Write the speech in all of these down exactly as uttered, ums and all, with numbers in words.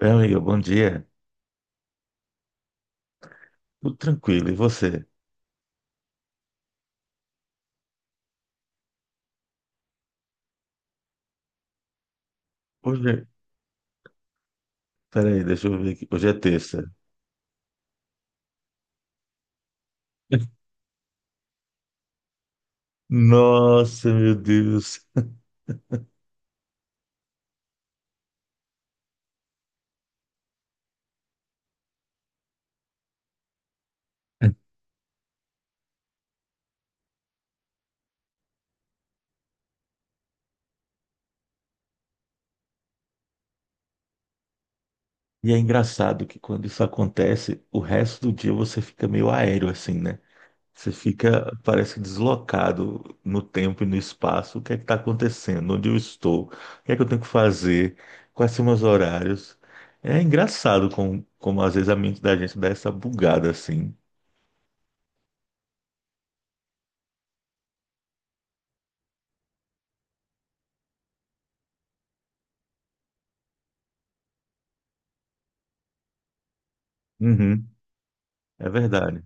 Meu amigo, bom dia. Tudo tranquilo, e você? Hoje, é- Peraí, deixa eu ver aqui. Hoje é terça. Nossa, meu Deus. E é engraçado que quando isso acontece, o resto do dia você fica meio aéreo assim, né? Você fica, parece que deslocado no tempo e no espaço. O que é que tá acontecendo? Onde eu estou? O que é que eu tenho que fazer? Quais são meus horários? É engraçado como, como às vezes a mente da gente dá essa bugada assim. Uhum, é verdade.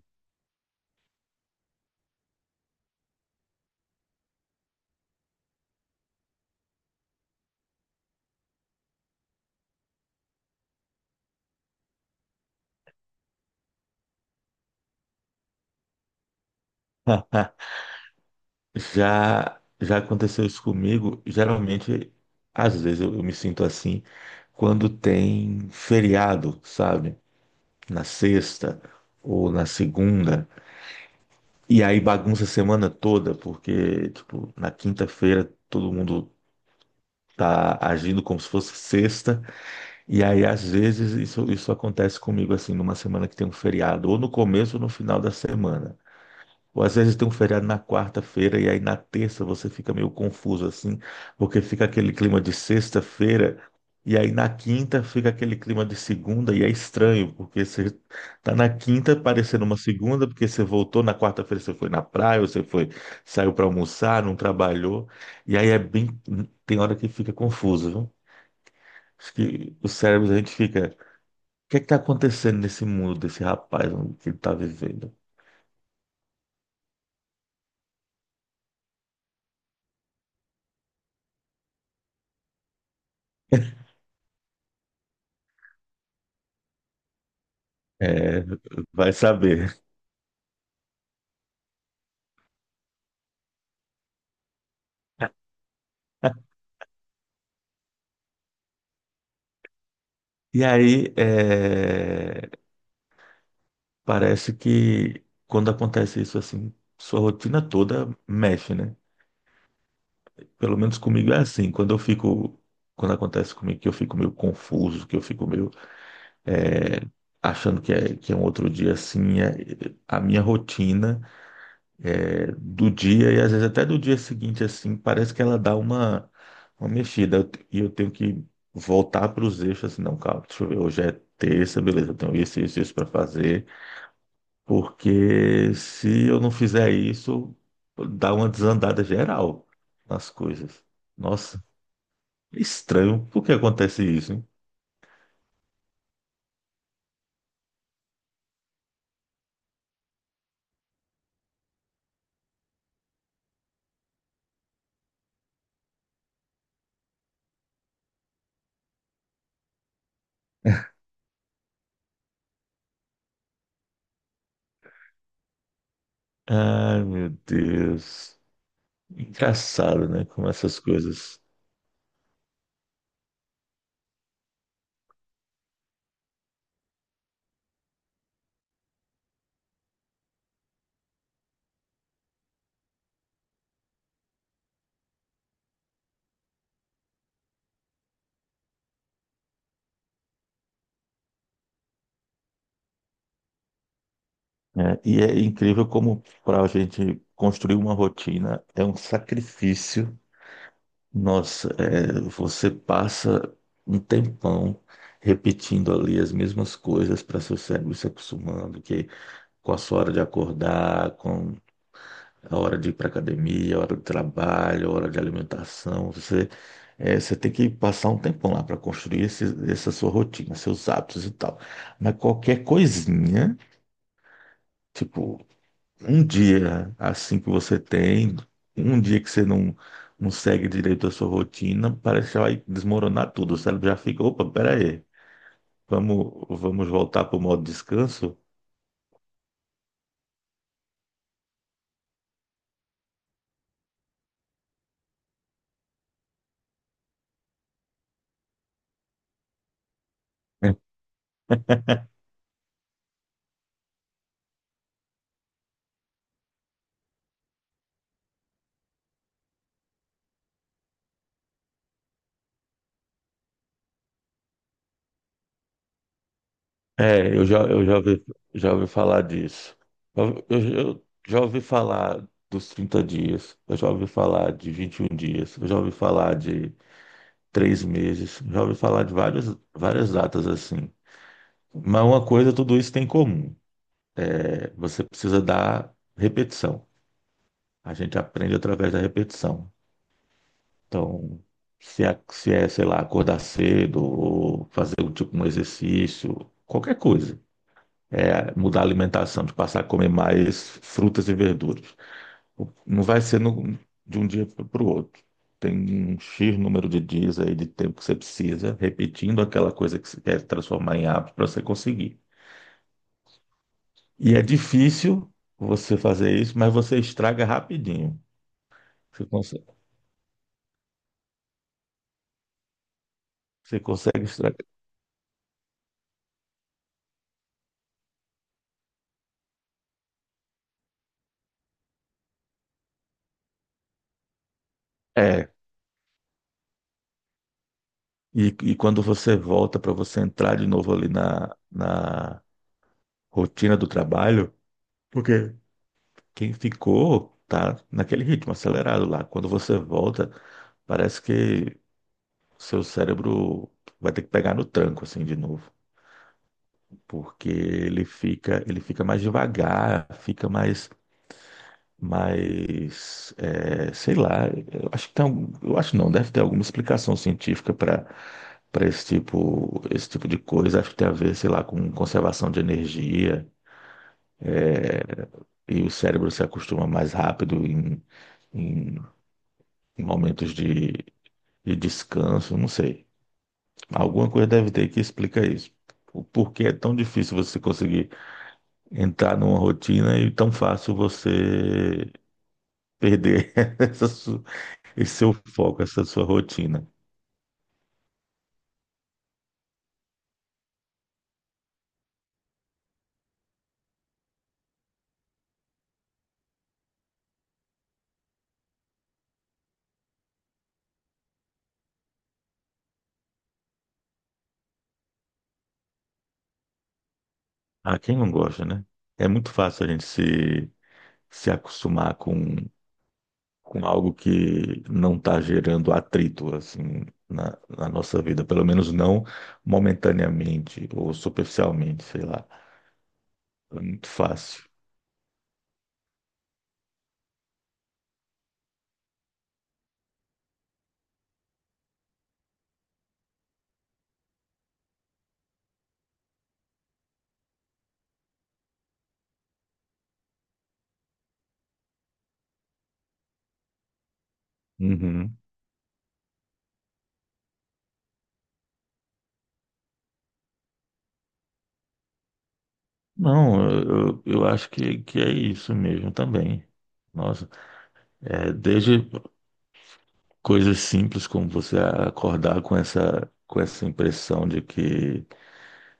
Já, já aconteceu isso comigo. Geralmente, às vezes eu, eu me sinto assim quando tem feriado, sabe? Na sexta ou na segunda. E aí bagunça a semana toda, porque, tipo, na quinta-feira todo mundo tá agindo como se fosse sexta. E aí, às vezes, isso, isso acontece comigo, assim, numa semana que tem um feriado, ou no começo ou no final da semana. Ou às vezes tem um feriado na quarta-feira e aí na terça você fica meio confuso assim, porque fica aquele clima de sexta-feira e aí na quinta fica aquele clima de segunda e é estranho, porque você tá na quinta parecendo uma segunda, porque você voltou na quarta-feira, você foi na praia, ou você foi, saiu para almoçar, não trabalhou, e aí é bem, tem hora que fica confuso, viu? Acho que o cérebro da gente fica, o que é que tá acontecendo nesse mundo desse rapaz que ele tá vivendo? É, vai saber. E aí, é, parece que quando acontece isso assim, sua rotina toda mexe, né? Pelo menos comigo é assim. Quando eu fico, quando acontece comigo que eu fico meio confuso, que eu fico meio é, achando que é, que é um outro dia assim, é- a minha rotina é, do dia e às vezes até do dia seguinte assim, parece que ela dá uma, uma mexida. Eu te- e eu tenho que voltar para os eixos assim, não, calma, deixa eu ver, hoje é terça, beleza, eu tenho isso, isso, isso para fazer. Porque se eu não fizer isso, dá uma desandada geral nas coisas. Nossa, é estranho. Por que acontece isso, hein? Ai, meu Deus. Engraçado, né? Como essas coisas. É, e é incrível como para a gente construir uma rotina é um sacrifício. Nossa, é, você passa um tempão repetindo ali as mesmas coisas para seu cérebro se acostumando, que com a sua hora de acordar, com a hora de ir para academia, a hora do trabalho, a hora de alimentação. Você, eh, você tem que passar um tempão lá para construir esse, essa sua rotina, seus hábitos e tal. Mas qualquer coisinha, tipo, um dia assim que você tem, um dia que você não, não segue direito a sua rotina, parece que vai desmoronar tudo. O cérebro já fica, opa, peraí, vamos, vamos voltar para o modo descanso? É, eu já, eu já ouvi, já ouvi falar disso. Eu, eu- eu já ouvi falar dos trinta dias, eu já ouvi falar de vinte e um dias, eu já ouvi falar de três meses, já ouvi falar de várias, várias datas assim. Mas uma coisa tudo isso tem em comum, é, você precisa dar repetição. A gente aprende através da repetição. Então, se é, se é, sei lá, acordar cedo, ou fazer um tipo um exercício, qualquer coisa. É, mudar a alimentação, de passar a comer mais frutas e verduras. Não vai ser no- De um dia para o outro. Tem um X número de dias aí de tempo que você precisa, repetindo aquela coisa que você quer transformar em hábito para você conseguir. E é difícil você fazer isso, mas você estraga rapidinho. Você consegue, você consegue estragar. É. E, e quando você volta para você entrar de novo ali na, na rotina do trabalho, porque quem ficou tá naquele ritmo acelerado lá. Quando você volta, parece que seu cérebro vai ter que pegar no tranco assim de novo, porque ele fica, ele fica mais devagar, fica mais, mais, é, sei lá. Eu acho que tem, algum- eu acho não, deve ter alguma explicação científica para para esse tipo, esse tipo de coisa. Acho que tem a ver, sei lá, com conservação de energia e o cérebro se acostuma mais rápido em, em, em momentos de de descanso, não sei. Alguma coisa deve ter que explicar isso. O porquê é tão difícil você conseguir entrar numa rotina e tão fácil você perder essa su- esse seu foco, essa sua rotina. Ah, quem não gosta, né? É muito fácil a gente se, se acostumar com, com algo que não está gerando atrito, assim, na, na nossa vida. Pelo menos não momentaneamente ou superficialmente, sei lá. É muito fácil. Uhum. Não, eu, eu acho que, que é isso mesmo também. Nossa, é, desde coisas simples como você acordar com essa, com essa impressão de que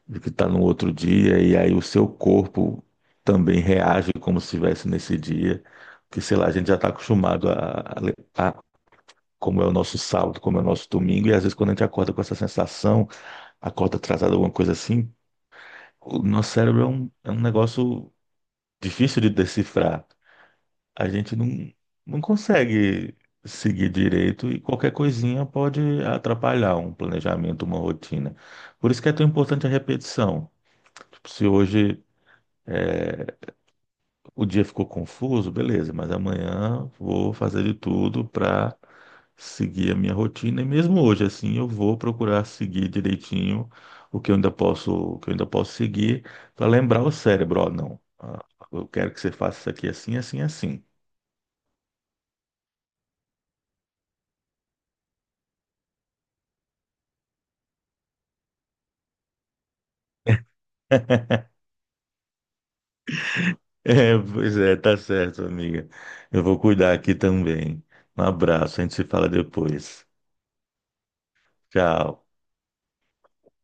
de que está no outro dia e aí o seu corpo também reage como se estivesse nesse dia, que sei lá, a gente já está acostumado a, a, le- a- como é o nosso sábado, como é o nosso domingo, e às vezes quando a gente acorda com essa sensação, acorda atrasado, alguma coisa assim, o nosso cérebro é um, é um negócio difícil de decifrar. A gente não, não consegue seguir direito e qualquer coisinha pode atrapalhar um planejamento, uma rotina. Por isso que é tão importante a repetição. Tipo, se hoje é, o dia ficou confuso, beleza, mas amanhã vou fazer de tudo para seguir a minha rotina. E mesmo hoje, assim, eu vou procurar seguir direitinho o que eu ainda posso, o que eu ainda posso seguir para lembrar o cérebro, ó, não. ah, Eu quero que você faça isso aqui assim, assim, assim. É, pois é, tá certo, amiga. Eu vou cuidar aqui também. Um abraço, a gente se fala depois. Tchau.